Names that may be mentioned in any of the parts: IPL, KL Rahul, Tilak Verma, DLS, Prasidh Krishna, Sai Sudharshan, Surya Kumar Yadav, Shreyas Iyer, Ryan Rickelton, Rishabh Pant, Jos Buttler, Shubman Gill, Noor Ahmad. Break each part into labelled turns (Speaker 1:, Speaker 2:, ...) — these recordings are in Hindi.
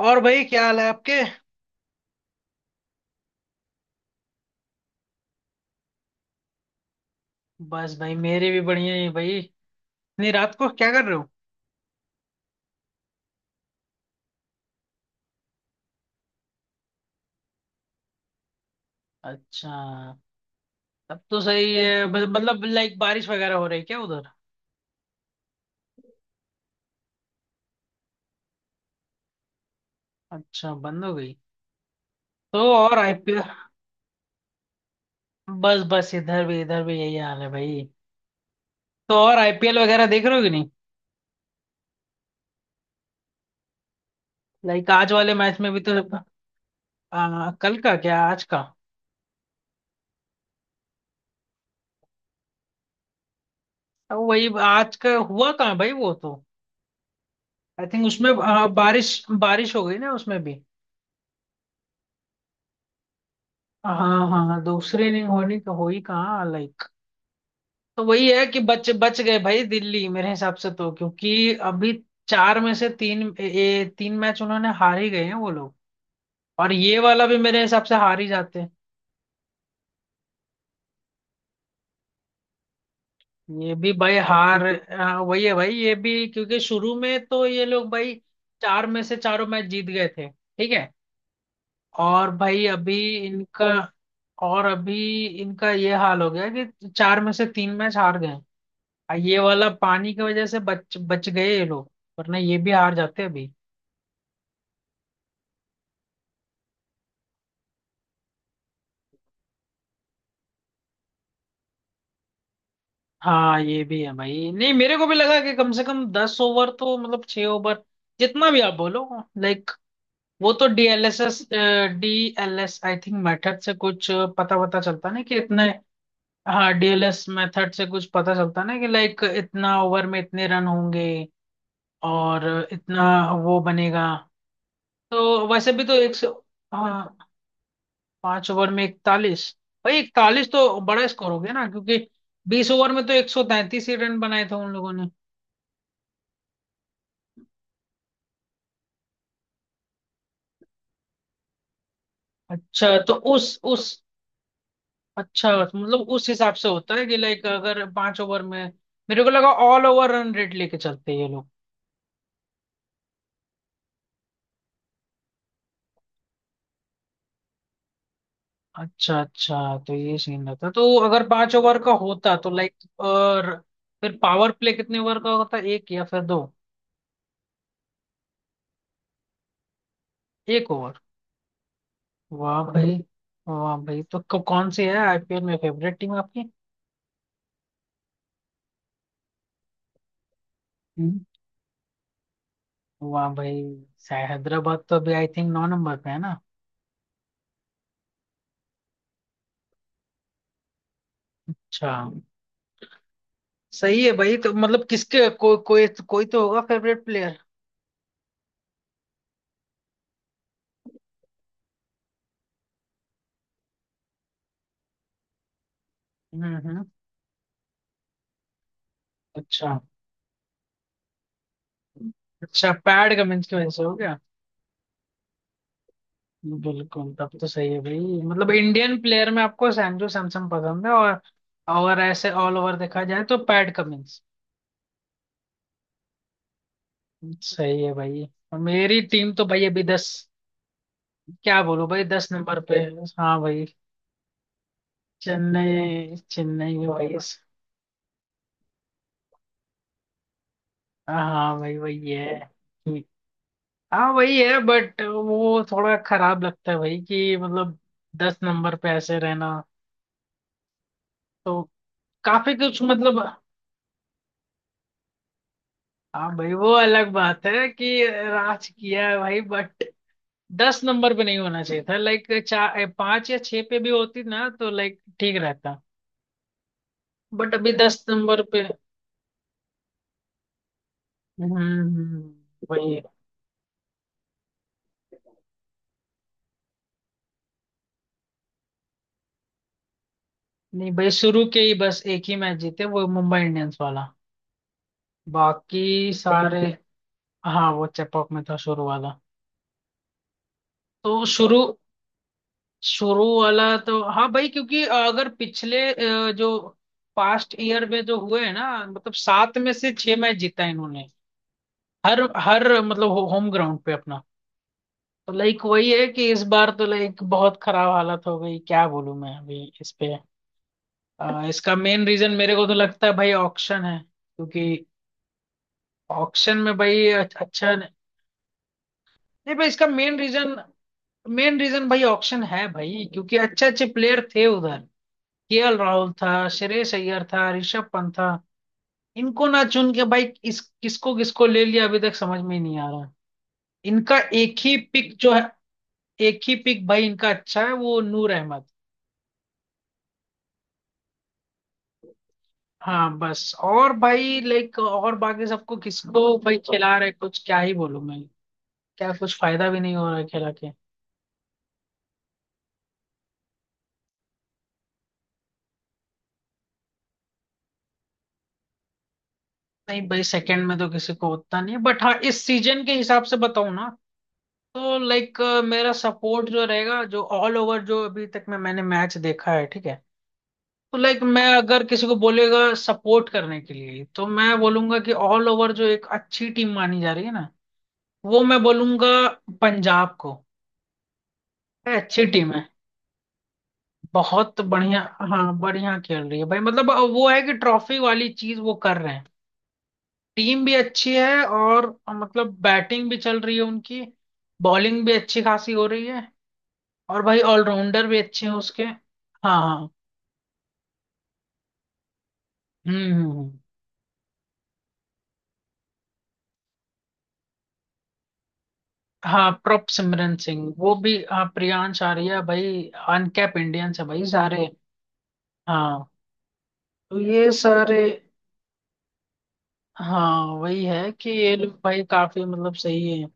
Speaker 1: और भाई, क्या हाल है आपके। बस भाई, मेरे भी बढ़िया ही भाई। इतनी रात को क्या कर रहे हो? अच्छा। तब तो सही है। मतलब, लाइक बारिश वगैरह हो रही है क्या उधर? अच्छा, बंद हो गई। तो और आईपीएल? बस बस इधर भी, इधर भी यही हाल है भाई। तो और आईपीएल वगैरह देख रहे हो कि नहीं? लाइक आज वाले मैच में भी तो। कल का, क्या आज का? अब वही आज का हुआ कहाँ भाई, वो तो। आई थिंक उसमें बारिश। बारिश हो गई ना उसमें भी। हाँ हाँ, दूसरे इनिंग होनी हो ही कहाँ, लाइक। तो वही है कि बच बच गए भाई, दिल्ली मेरे हिसाब से तो, क्योंकि अभी चार में से तीन ए, ए, तीन मैच उन्होंने हार ही गए हैं वो लोग। और ये वाला भी मेरे हिसाब से हार ही जाते हैं। ये भी भाई हार। हाँ, वही है भाई, ये भी क्योंकि शुरू में तो ये लोग भाई चार में से चारों मैच जीत गए थे, ठीक है। और भाई अभी। इनका। और अभी इनका ये हाल हो गया कि चार में से तीन मैच हार गए। और ये वाला पानी की वजह से बच बच गए ये लोग। वरना ये भी हार जाते अभी। हाँ, ये भी है भाई। नहीं, मेरे को भी लगा कि कम से कम 10 ओवर, तो मतलब 6 ओवर, जितना भी आप बोलो, लाइक। वो तो डीएलएस आई थिंक मेथड से कुछ पता पता चलता ना कि इतने। हाँ, डीएलएस मेथड से कुछ पता चलता ना कि लाइक इतना ओवर में इतने रन होंगे। और इतना वो बनेगा। तो वैसे भी तो 100। हाँ, 5 ओवर में 41। भाई, 41 तो बड़ा स्कोर हो गया ना, क्योंकि 20 ओवर में तो 133 ही रन बनाए थे उन लोगों। अच्छा, तो उस, अच्छा मतलब उस हिसाब से होता है कि लाइक अगर 5 ओवर में। मेरे को लगा ऑल ओवर रन रेट लेके चलते हैं ये लोग। अच्छा अच्छा, तो ये सीन रहता। तो अगर 5 ओवर का होता तो लाइक और फिर पावर प्ले कितने ओवर का होता, 1 या फिर 2? 1 ओवर। वाह भाई। वाह भाई, तो कौन सी है आईपीएल में फेवरेट टीम आपकी? हम्म। वाह भाई। शायद हैदराबाद तो अभी आई थिंक 9 नंबर पे है ना? अच्छा। सही है भाई, तो मतलब किसके को, कोई कोई तो होगा फेवरेट प्लेयर? हम्म, हम्म। अच्छा। अच्छा, पैड का की वजह से हो गया। बिल्कुल, तब तो सही है भाई। मतलब इंडियन प्लेयर में आपको सैजू सैमसन पसंद है और ऐसे ऑल ओवर देखा जाए तो पैट कमिंस। सही है भाई। और मेरी टीम तो भाई अभी 10। क्या बोलूं भाई, 10 नंबर पे। हाँ भाई। चेन्नई चेन्नई में भाई। हाँ भाई, वही है। हाँ, वही है बट वो थोड़ा खराब लगता है भाई कि मतलब 10 नंबर पे ऐसे रहना। तो काफी कुछ मतलब। हाँ भाई, वो अलग बात है कि राज किया है भाई, बट 10 नंबर पे नहीं होना चाहिए था, लाइक 4 5 या 6 पे भी होती ना तो लाइक ठीक रहता। बट अभी 10 नंबर पे। हम्म, वही। नहीं भाई, शुरू के ही बस एक ही मैच जीते, वो मुंबई इंडियंस वाला। बाकी सारे। हाँ, वो चेपॉक में था शुरू वाला। तो शुरू, शुरू वाला तो हाँ भाई, क्योंकि अगर पिछले जो पास्ट ईयर में जो हुए हैं ना मतलब 7 में से 6 मैच जीता है इन्होंने, हर हर मतलब होम ग्राउंड पे अपना। तो लाइक वही है कि इस बार तो लाइक बहुत खराब हालत हो गई, क्या बोलूं मैं अभी इस पे। इसका मेन रीजन मेरे को तो लगता है भाई ऑक्शन है, क्योंकि ऑक्शन में भाई अच्छा नहीं। नहीं भाई, इसका मेन रीजन, मेन रीजन भाई ऑक्शन है भाई, क्योंकि अच्छे अच्छे प्लेयर थे उधर। केएल राहुल था, श्रेयस अय्यर था, ऋषभ पंत था। इनको ना चुन के भाई, इस किसको किसको ले लिया अभी तक समझ में ही नहीं आ रहा। इनका एक ही पिक जो है, एक ही पिक भाई इनका अच्छा है, वो नूर अहमद। हाँ बस, और भाई लाइक और बाकी सबको किसको भाई खिला रहे, कुछ क्या ही बोलूं मैं। क्या, कुछ फायदा भी नहीं हो रहा है खिला के। नहीं भाई, सेकंड में तो किसी को उतना नहीं है, बट हाँ, इस सीजन के हिसाब से बताऊं ना, तो लाइक मेरा सपोर्ट जो रहेगा, जो ऑल ओवर जो अभी तक में मैंने मैच देखा है, ठीक है। तो लाइक मैं अगर किसी को बोलेगा सपोर्ट करने के लिए, तो मैं बोलूंगा कि ऑल ओवर जो एक अच्छी टीम मानी जा रही है ना, वो मैं बोलूंगा पंजाब को। ये अच्छी टीम है। बहुत बढ़िया। हाँ, बढ़िया खेल रही है भाई, मतलब वो है कि ट्रॉफी वाली चीज वो कर रहे हैं। टीम भी अच्छी है और मतलब बैटिंग भी चल रही है उनकी। बॉलिंग भी अच्छी खासी हो रही है। और भाई ऑलराउंडर भी अच्छे हैं उसके। हाँ हाँ। हम्म, हाँ, प्रॉप सिमरन सिंह वो भी, हाँ प्रियांश आर्या भाई। अनकैप इंडियंस है भाई सारे। हाँ। तो ये सारे। हाँ, वही है कि ये लोग भाई काफी मतलब सही है,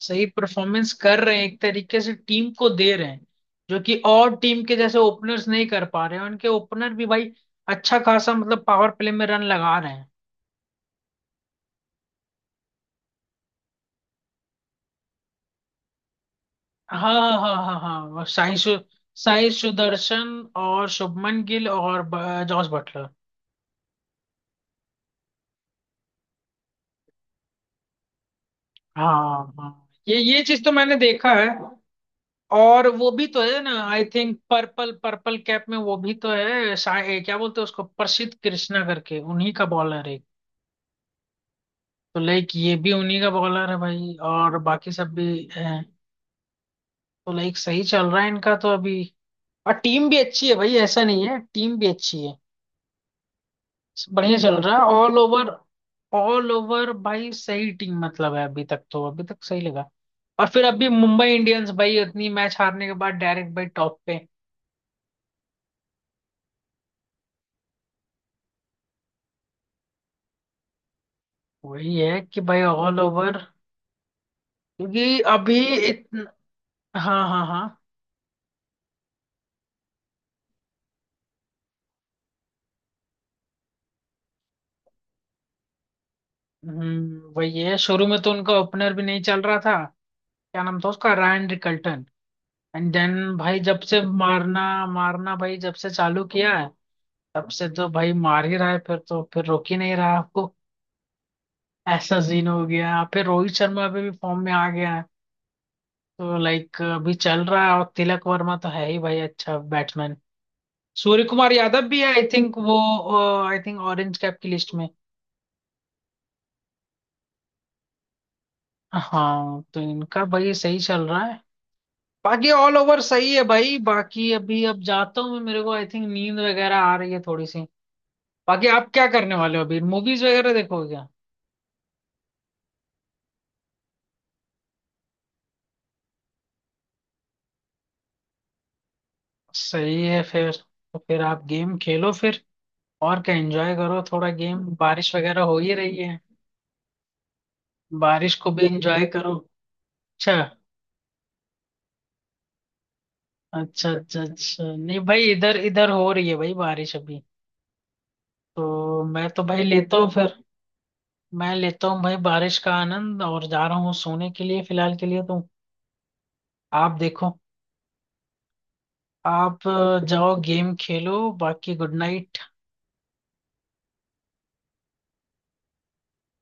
Speaker 1: सही परफॉर्मेंस कर रहे हैं एक तरीके से टीम को दे रहे हैं, जो कि और टीम के जैसे ओपनर्स नहीं कर पा रहे हैं। उनके ओपनर भी भाई अच्छा खासा मतलब पावर प्ले में रन लगा रहे हैं। हाँ हाँ हाँ हाँ हाँ, वो साई सुदर्शन और शुभमन गिल और जॉस बटलर। हाँ हाँ। ये चीज तो मैंने देखा है। और वो भी तो है ना, I think purple purple cap में वो भी तो है क्या बोलते हैं उसको, प्रसिद्ध कृष्णा करके उन्हीं का बॉलर है। तो लाइक ये भी उन्हीं का बॉलर है भाई और बाकी सब भी हैं। तो लाइक सही चल रहा है इनका तो अभी। और टीम भी अच्छी है भाई, ऐसा नहीं है, टीम भी अच्छी है। बढ़िया चल रहा है ऑल ओवर। ऑल ओवर भाई सही टीम मतलब है अभी तक, तो अभी तक सही लगा। और फिर अभी मुंबई इंडियंस भाई इतनी मैच हारने के बाद डायरेक्ट भाई टॉप पे। वही है कि भाई ऑल ओवर, क्योंकि अभी इतना। हाँ हाँ हाँ। हम्म, वही है, शुरू में तो उनका ओपनर भी नहीं चल रहा था। क्या नाम था उसका, रायन रिकल्टन। एंड देन भाई, जब से मारना, मारना भाई जब से चालू किया है, तब से तो भाई मार ही रहा है, फिर तो फिर रोक ही नहीं रहा आपको। ऐसा सीन हो गया, फिर रोहित शर्मा अभी भी फॉर्म में आ गया है। तो लाइक अभी चल रहा है, और तिलक वर्मा तो है ही भाई अच्छा बैट्समैन। सूर्य कुमार यादव भी है आई थिंक वो, आई थिंक ऑरेंज कैप की लिस्ट में। हाँ, तो इनका भाई सही चल रहा है। बाकी ऑल ओवर सही है भाई। बाकी अभी अब जाता हूँ मैं, मेरे को आई थिंक नींद वगैरह आ रही है थोड़ी सी। बाकी आप क्या करने वाले हो अभी, मूवीज वगैरह देखोगे क्या? सही है फिर। तो फिर आप गेम खेलो फिर और क्या, एंजॉय करो थोड़ा गेम, बारिश वगैरह हो ही रही है, बारिश को भी एंजॉय करो। अच्छा, अच्छा, अच्छा, अच्छा, नहीं भाई इधर, इधर हो रही है भाई बारिश अभी। तो मैं तो भाई लेता हूँ फिर, मैं लेता हूँ भाई बारिश का आनंद और जा रहा हूँ सोने के लिए फिलहाल के लिए तो। आप देखो, आप जाओ गेम खेलो, बाकी गुड नाइट।